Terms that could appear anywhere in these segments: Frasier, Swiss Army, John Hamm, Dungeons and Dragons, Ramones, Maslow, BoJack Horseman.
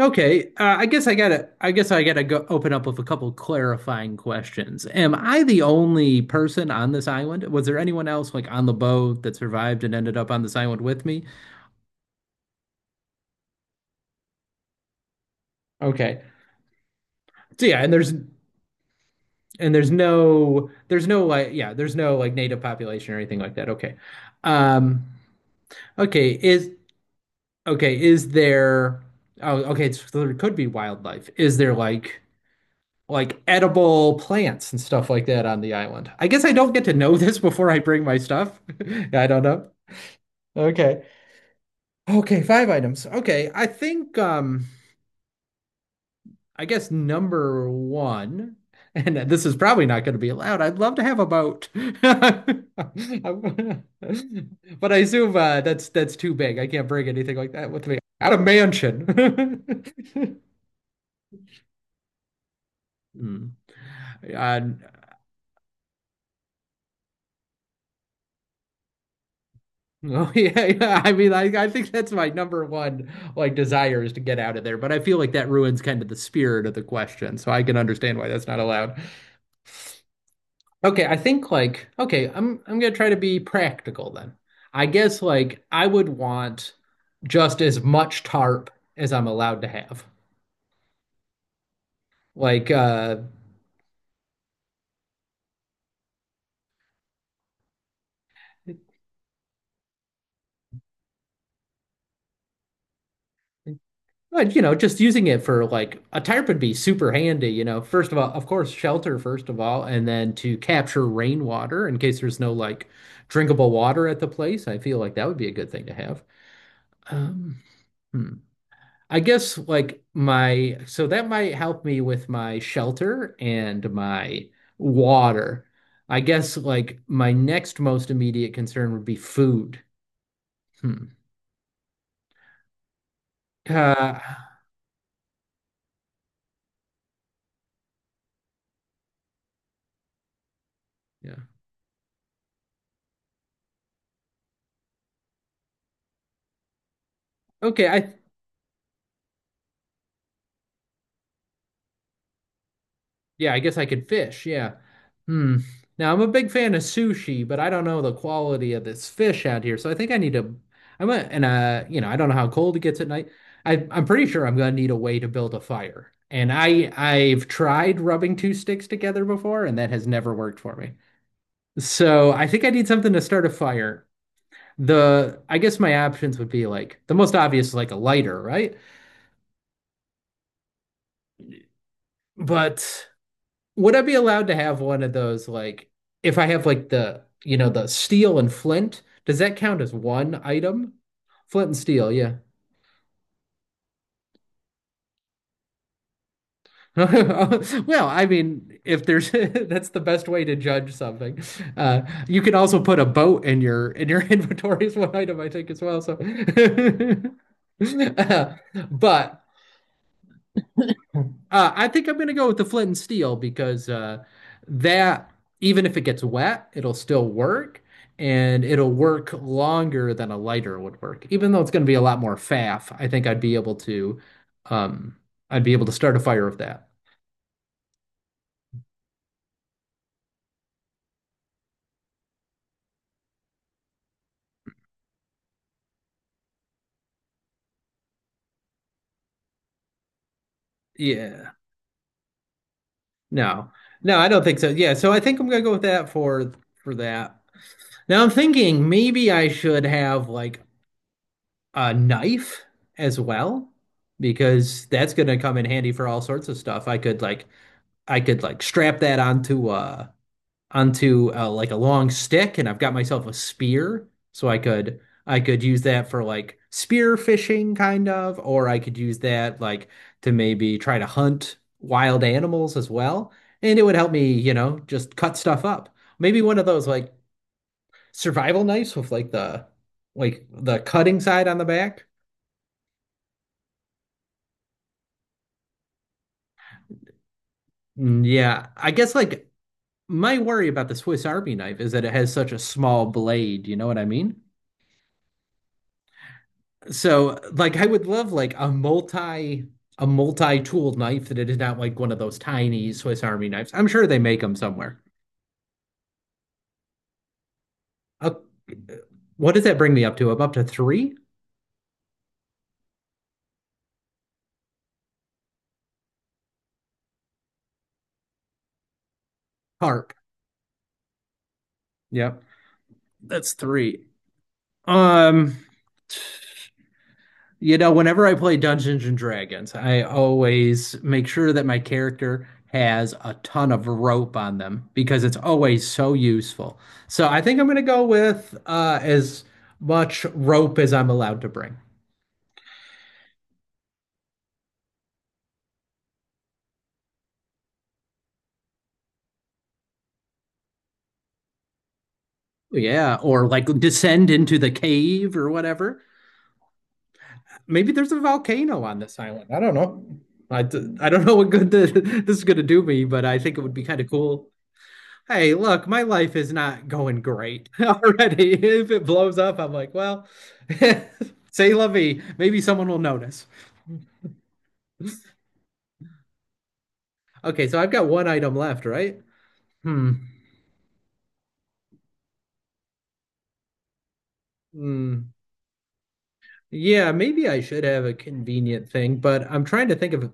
Okay, I guess I gotta. I guess I gotta go open up with a couple clarifying questions. Am I the only person on this island? Was there anyone else like on the boat that survived and ended up on this island with me? Okay, so yeah, and there's and there's no like yeah there's no like native population or anything like that. Okay, um, okay, is okay is there? Oh, okay, so there could be wildlife. Is there like? Like edible plants and stuff like that on the island. I guess I don't get to know this before I bring my stuff. I don't know. Okay. Okay, five items. Okay. I guess number one, and this is probably not going to be allowed. I'd love to have a boat. But I assume that's too big. I can't bring anything like that with me. At a mansion. Hmm. Uh, Oh yeah, yeah. I mean, I think that's my number one like desire is to get out of there, but I feel like that ruins kind of the spirit of the question, so I can understand why that's not allowed. Okay, I think like okay, I'm gonna try to be practical then. I guess like I would want just as much tarp as I'm allowed to have. Like but you know, just using it for like a tarp would be super handy, First of all, of course, shelter first of all, and then to capture rainwater in case there's no like drinkable water at the place. I feel like that would be a good thing to have. Um, hmm. I guess like my so that might help me with my shelter and my water. I guess like my next most immediate concern would be food. Hmm. Uh, yeah. Okay, I yeah, I guess I could fish. Yeah. Hmm. Now I'm a big fan of sushi, but I don't know the quality of this fish out here. So I think I need to. I'm a, and you know, I don't know how cold it gets at night. I'm pretty sure I'm gonna need a way to build a fire. And I've tried rubbing two sticks together before, and that has never worked for me. So I think I need something to start a fire. The I guess my options would be like the most obvious is like a lighter, right? But would I be allowed to have one of those like if I have like the, you know, the steel and flint, does that count as one item? Flint and steel, yeah. Well, I mean, if there's that's the best way to judge something. Uh, you can also put a boat in your inventory is one item I think as well. So, Uh, but I think I'm going to go with the flint and steel because that, even if it gets wet, it'll still work and it'll work longer than a lighter would work. Even though it's going to be a lot more faff, I think I'd be able to, um, I'd be able to start a fire with that. Yeah. No. No, I don't think so. Yeah, so I think I'm gonna go with that for that. Now I'm thinking maybe I should have like a knife as well because that's going to come in handy for all sorts of stuff. I could like strap that onto like a long stick and I've got myself a spear so I could use that for like spear fishing kind of or I could use that like to maybe try to hunt wild animals as well and it would help me, you know, just cut stuff up. Maybe one of those like survival knives with like the cutting side on the back. Yeah, I guess like my worry about the Swiss Army knife is that it has such a small blade, you know what I mean? So like I would love like a multi-tool knife that it is not like one of those tiny Swiss Army knives. I'm sure they make them somewhere. Up, what does that bring me up to? I'm up to three? Harp. Yep. That's three. Um You know, whenever I play Dungeons and Dragons, I always make sure that my character has a ton of rope on them because it's always so useful. So I think I'm going to go with as much rope as I'm allowed to bring. Yeah, or like descend into the cave or whatever. Maybe there's a volcano on this island. I don't know. I don't know what good this is going to do me, but I think it would be kind of cool. Hey, look, my life is not going great already. If it blows up, I'm like, well, say la vie. Maybe someone will notice. Okay, so I've got one item left, right? Hmm. Hmm. Yeah, maybe I should have a convenient thing, but I'm trying to think of.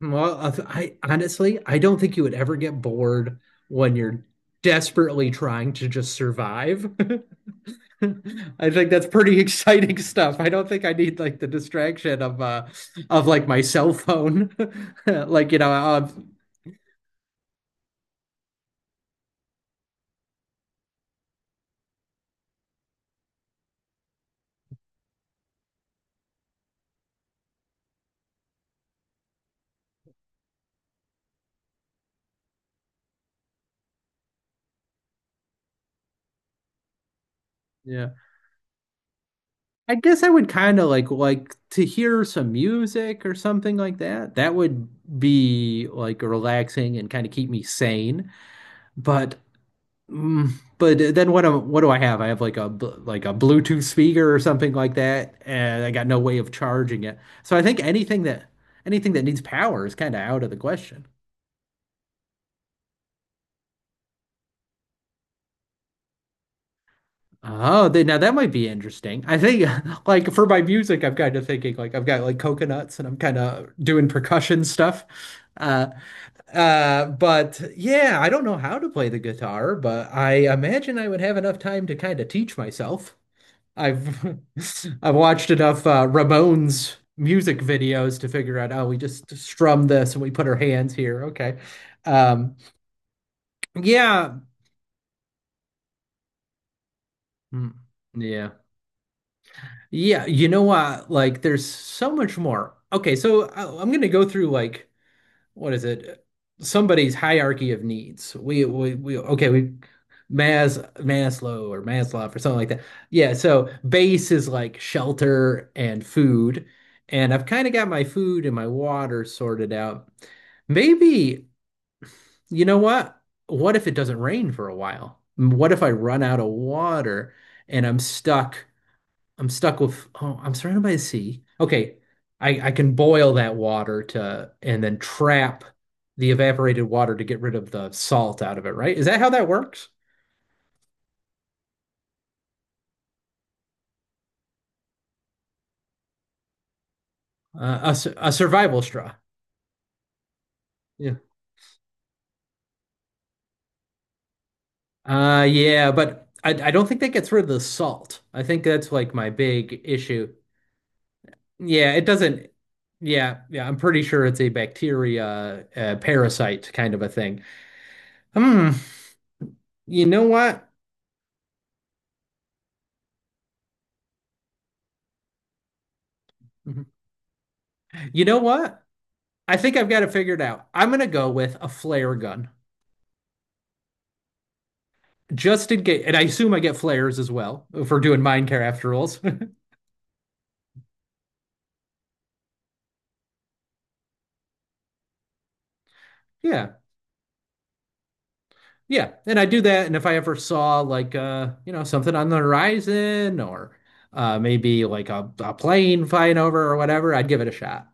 Well, I honestly, I don't think you would ever get bored when you're desperately trying to just survive. I think that's pretty exciting stuff. I don't think I need like the distraction of like my cell phone. Like, yeah. I guess I would kind of like to hear some music or something like that. That would be like relaxing and kind of keep me sane. But mm, but then what am what do I have? I have like like a Bluetooth speaker or something like that, and I got no way of charging it. So I think anything that needs power is kind of out of the question. Oh, they, now that might be interesting. I think, like, for my music, I'm kind of thinking, like, I've got like coconuts and I'm kind of doing percussion stuff. Uh, but yeah, I don't know how to play the guitar, but I imagine I would have enough time to kind of teach myself. I've I've watched enough Ramones music videos to figure out, oh, we just strum this and we put our hands here. Okay. Um, yeah. Hmm. Yeah. Yeah, you know what? Like, there's so much more. Okay, so I'm gonna go through like what is it? Somebody's hierarchy of needs. We okay we Mas Maslow or Maslow or something like that. Yeah, so base is like shelter and food, and I've kind of got my food and my water sorted out. Maybe you know what? What if it doesn't rain for a while? What if I run out of water and I'm stuck? I'm stuck with oh, I'm surrounded by the sea. Okay, I can boil that water to and then trap the evaporated water to get rid of the salt out of it, right? Is that how that works? A survival straw. Yeah. Yeah, but I don't think that gets rid of the salt. I think that's like my big issue. Yeah, it doesn't. Yeah, yeah, I'm pretty sure it's a bacteria, parasite kind of a thing. Hmm. You know what? You know what? I think I've got it figured out. I'm gonna go with a flare gun, just in case, and I assume I get flares as well if we're doing Minecraft rules. Yeah, yeah, and I do that. And if I ever saw like you know, something on the horizon or maybe like a plane flying over or whatever, I'd give it a shot.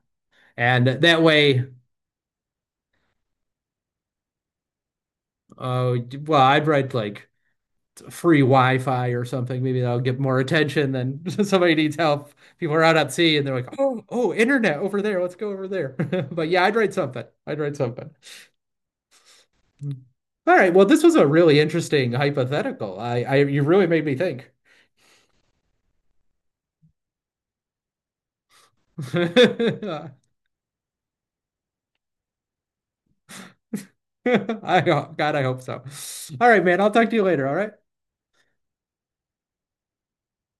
And that way, uh, well, I'd write like free Wi-Fi or something. Maybe that'll get more attention than somebody needs help. People are out at sea and they're like, oh, oh, internet over there. Let's go over there. But yeah, I'd write something. I'd write something. All right. Well, this was a really interesting hypothetical. You really made me think. I, God, I hope so. All right, man. I'll talk to you later. All right.